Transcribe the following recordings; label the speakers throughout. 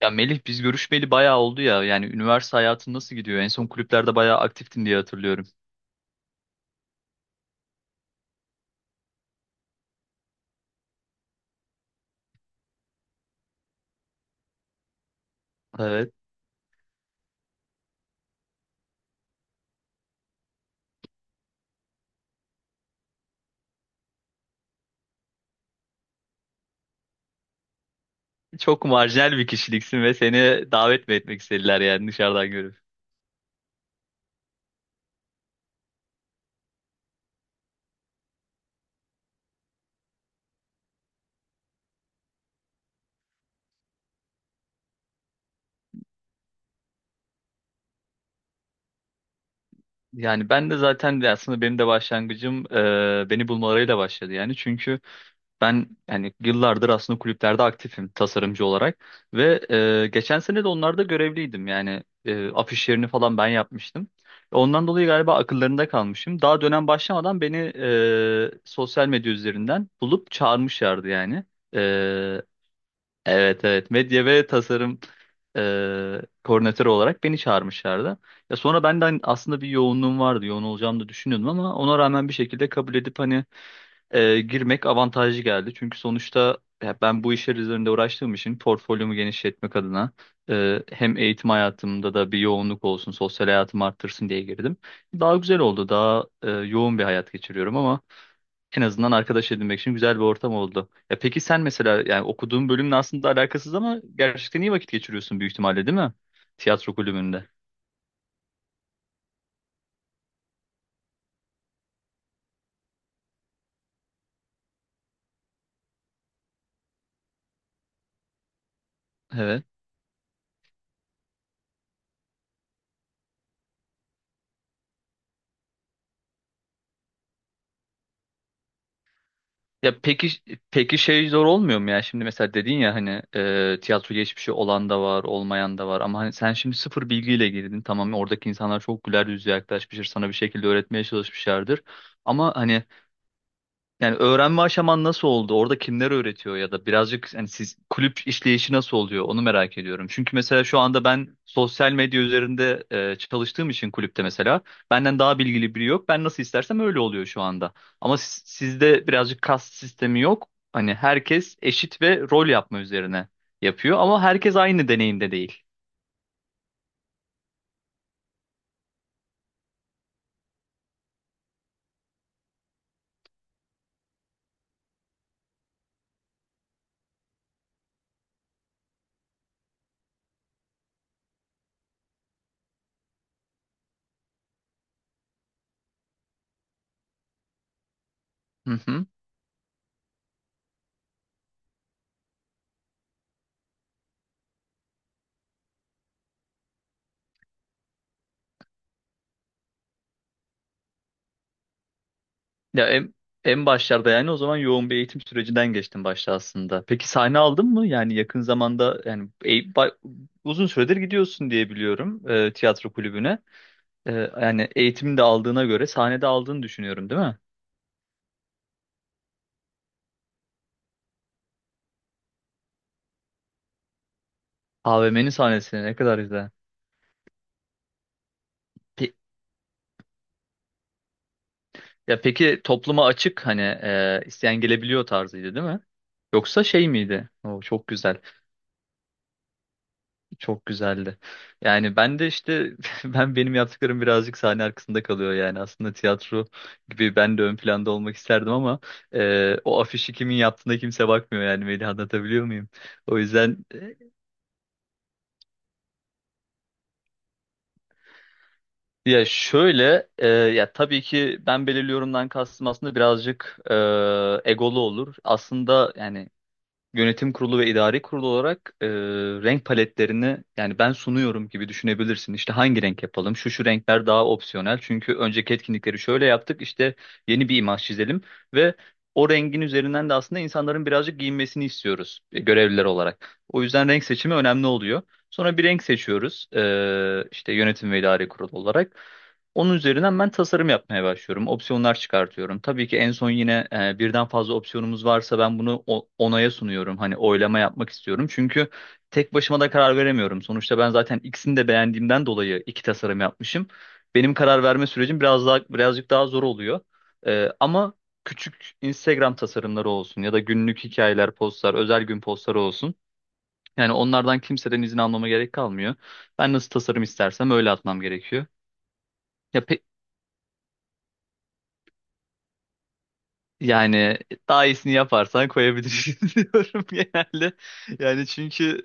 Speaker 1: Ya Melih biz görüşmeli bayağı oldu ya. Yani üniversite hayatın nasıl gidiyor? En son kulüplerde bayağı aktiftin diye hatırlıyorum. Evet. Çok marjinal bir kişiliksin ve seni davet mi etmek istediler yani dışarıdan görüp. Yani ben de zaten aslında benim de başlangıcım beni bulmalarıyla başladı yani. Çünkü ben yani yıllardır aslında kulüplerde aktifim tasarımcı olarak ve geçen sene de onlarda görevliydim. Yani afişlerini falan ben yapmıştım. Ondan dolayı galiba akıllarında kalmışım. Daha dönem başlamadan beni sosyal medya üzerinden bulup çağırmışlardı yani. E, evet evet, medya ve tasarım koordinatörü olarak beni çağırmışlardı. Ya sonra benden aslında bir yoğunluğum vardı. Yoğun olacağımı da düşünüyordum ama ona rağmen bir şekilde kabul edip hani girmek avantajlı geldi. Çünkü sonuçta ya ben bu işler üzerinde uğraştığım için portfolyomu genişletmek adına hem eğitim hayatımda da bir yoğunluk olsun, sosyal hayatım arttırsın diye girdim. Daha güzel oldu, daha yoğun bir hayat geçiriyorum ama en azından arkadaş edinmek için güzel bir ortam oldu. Ya peki sen mesela yani okuduğun bölümle aslında alakasız ama gerçekten iyi vakit geçiriyorsun büyük ihtimalle değil mi? Tiyatro kulübünde. Ya peki, peki şey zor olmuyor mu ya? Şimdi mesela dedin ya hani tiyatro geçmişi olan da var, olmayan da var ama hani sen şimdi sıfır bilgiyle girdin. Tamam mı? Oradaki insanlar çok güler yüzlü yaklaşmıştır, sana bir şekilde öğretmeye çalışmışlardır. Ama hani yani öğrenme aşaman nasıl oldu? Orada kimler öğretiyor ya da birazcık hani siz kulüp işleyişi nasıl oluyor? Onu merak ediyorum. Çünkü mesela şu anda ben sosyal medya üzerinde çalıştığım için kulüpte mesela benden daha bilgili biri yok. Ben nasıl istersem öyle oluyor şu anda. Ama sizde birazcık kast sistemi yok. Hani herkes eşit ve rol yapma üzerine yapıyor ama herkes aynı deneyimde değil. Ya en başlarda yani o zaman yoğun bir eğitim sürecinden geçtim başta aslında. Peki sahne aldın mı? Yani yakın zamanda yani uzun süredir gidiyorsun diye biliyorum tiyatro kulübüne. E, Yani eğitimini de aldığına göre sahnede aldığını düşünüyorum değil mi? AVM'nin sahnesini ne kadar güzel. Pe- Ya peki topluma açık hani isteyen gelebiliyor tarzıydı değil mi? Yoksa şey miydi? Oo, çok güzel. Çok güzeldi. Yani ben de işte ben benim yaptıklarım birazcık sahne arkasında kalıyor yani aslında tiyatro gibi ben de ön planda olmak isterdim ama o afişi kimin yaptığına kimse bakmıyor yani Melih, anlatabiliyor muyum? O yüzden ya şöyle ya tabii ki ben belirliyorumdan kastım aslında birazcık egolu olur. Aslında yani yönetim kurulu ve idari kurulu olarak renk paletlerini yani ben sunuyorum gibi düşünebilirsin. İşte hangi renk yapalım? Şu şu renkler daha opsiyonel. Çünkü önceki etkinlikleri şöyle yaptık. İşte yeni bir imaj çizelim ve o rengin üzerinden de aslında insanların birazcık giyinmesini istiyoruz görevliler olarak. O yüzden renk seçimi önemli oluyor. Sonra bir renk seçiyoruz işte yönetim ve idari kurulu olarak. Onun üzerinden ben tasarım yapmaya başlıyorum. Opsiyonlar çıkartıyorum. Tabii ki en son yine birden fazla opsiyonumuz varsa ben bunu onaya sunuyorum. Hani oylama yapmak istiyorum. Çünkü tek başıma da karar veremiyorum. Sonuçta ben zaten ikisini de beğendiğimden dolayı iki tasarım yapmışım. Benim karar verme sürecim biraz daha birazcık daha zor oluyor. Ama küçük Instagram tasarımları olsun ya da günlük hikayeler, postlar, özel gün postları olsun. Yani onlardan kimseden izin almama gerek kalmıyor. Ben nasıl tasarım istersem öyle atmam gerekiyor. Ya, yani daha iyisini yaparsan koyabilirsin diyorum genelde. Yani çünkü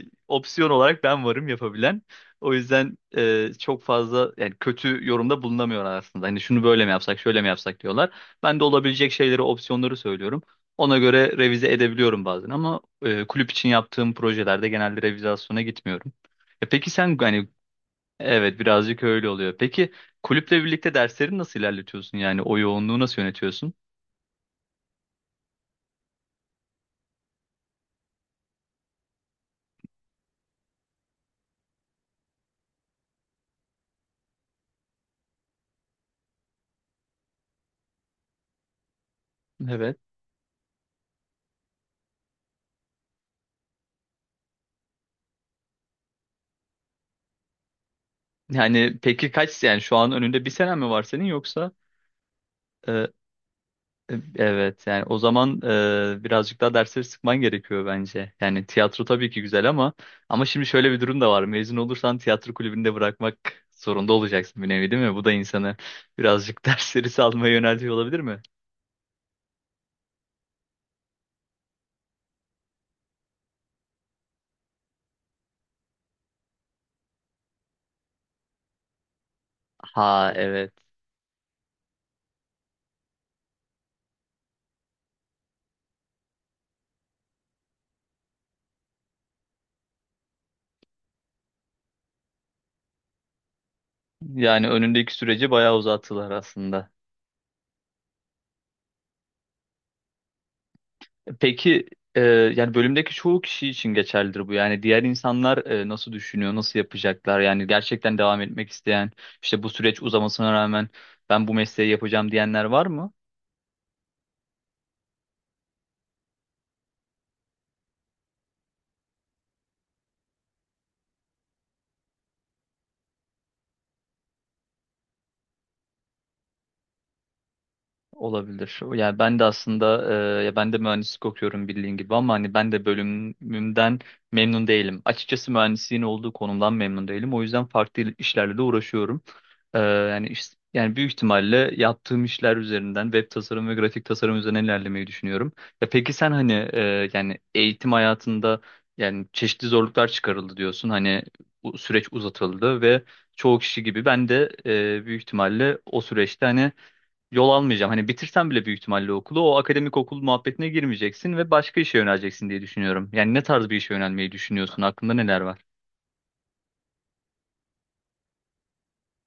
Speaker 1: opsiyon olarak ben varım yapabilen. O yüzden çok fazla yani kötü yorumda bulunamıyorlar aslında. Hani şunu böyle mi yapsak, şöyle mi yapsak diyorlar. Ben de olabilecek şeyleri, opsiyonları söylüyorum. Ona göre revize edebiliyorum bazen ama kulüp için yaptığım projelerde genelde revizasyona gitmiyorum. Peki sen hani evet, birazcık öyle oluyor. Peki kulüple birlikte dersleri nasıl ilerletiyorsun? Yani o yoğunluğu nasıl yönetiyorsun? Evet. Yani peki kaç, yani şu an önünde bir sene mi var senin yoksa? Ee, evet, yani o zaman birazcık daha dersleri sıkman gerekiyor bence. Yani tiyatro tabii ki güzel ama, ama şimdi şöyle bir durum da var. Mezun olursan tiyatro kulübünde bırakmak zorunda olacaksın bir nevi değil mi? Bu da insanı birazcık dersleri salmaya yöneltiyor olabilir mi? Ha evet. Yani önündeki süreci bayağı uzattılar aslında. Peki yani bölümdeki çoğu kişi için geçerlidir bu. Yani diğer insanlar nasıl düşünüyor, nasıl yapacaklar? Yani gerçekten devam etmek isteyen, işte bu süreç uzamasına rağmen ben bu mesleği yapacağım diyenler var mı? Olabilir. Yani ben de aslında ya ben de mühendislik okuyorum bildiğin gibi ama hani ben de bölümümden memnun değilim. Açıkçası mühendisliğin olduğu konumdan memnun değilim. O yüzden farklı işlerle de uğraşıyorum. Yani yani büyük ihtimalle yaptığım işler üzerinden web tasarım ve grafik tasarım üzerine ilerlemeyi düşünüyorum. Ya peki sen hani yani eğitim hayatında yani çeşitli zorluklar çıkarıldı diyorsun. Hani bu süreç uzatıldı ve çoğu kişi gibi ben de büyük ihtimalle o süreçte hani yol almayacağım. Hani bitirsen bile büyük ihtimalle okulu o akademik okul muhabbetine girmeyeceksin ve başka işe yöneleceksin diye düşünüyorum. Yani ne tarz bir işe yönelmeyi düşünüyorsun? Aklında neler var?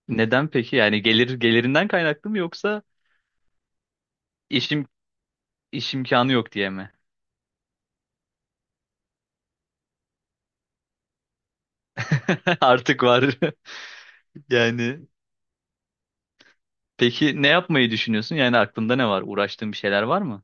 Speaker 1: Neden peki? Yani gelir, gelirinden kaynaklı mı yoksa işim iş imkanı yok diye mi? Artık var. Yani peki ne yapmayı düşünüyorsun? Yani aklında ne var? Uğraştığın bir şeyler var mı?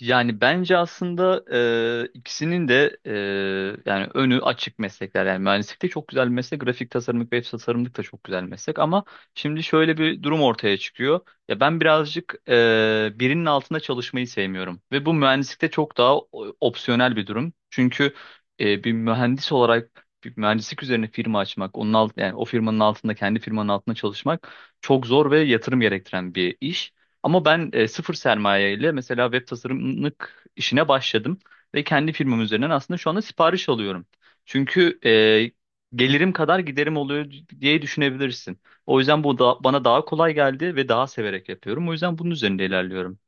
Speaker 1: Yani bence aslında ikisinin de yani önü açık meslekler. Yani mühendislik de çok güzel bir meslek, grafik tasarımlık ve web tasarımlık da çok güzel bir meslek. Ama şimdi şöyle bir durum ortaya çıkıyor. Ya ben birazcık birinin altında çalışmayı sevmiyorum ve bu mühendislikte çok daha opsiyonel bir durum. Çünkü bir mühendis olarak bir mühendislik üzerine firma açmak, onun alt, yani o firmanın altında kendi firmanın altında çalışmak çok zor ve yatırım gerektiren bir iş. Ama ben sıfır sermaye ile mesela web tasarımlık işine başladım ve kendi firmam üzerinden aslında şu anda sipariş alıyorum. Çünkü gelirim kadar giderim oluyor diye düşünebilirsin. O yüzden bu da bana daha kolay geldi ve daha severek yapıyorum. O yüzden bunun üzerinde ilerliyorum.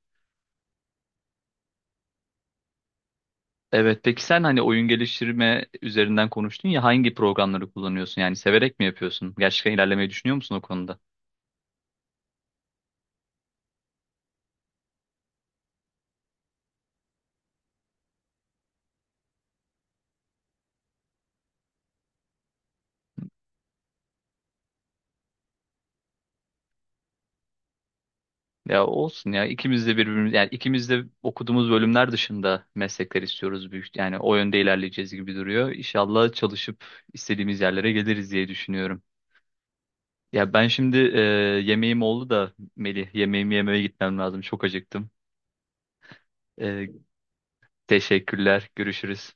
Speaker 1: Evet, peki sen hani oyun geliştirme üzerinden konuştun ya, hangi programları kullanıyorsun? Yani severek mi yapıyorsun? Gerçekten ilerlemeyi düşünüyor musun o konuda? Ya olsun ya, ikimiz de birbirimiz yani ikimiz de okuduğumuz bölümler dışında meslekler istiyoruz büyük, yani o yönde ilerleyeceğiz gibi duruyor. İnşallah çalışıp istediğimiz yerlere geliriz diye düşünüyorum. Ya ben şimdi yemeğim oldu da Melih, yemeğimi yemeye gitmem lazım, çok acıktım. E, Teşekkürler, görüşürüz.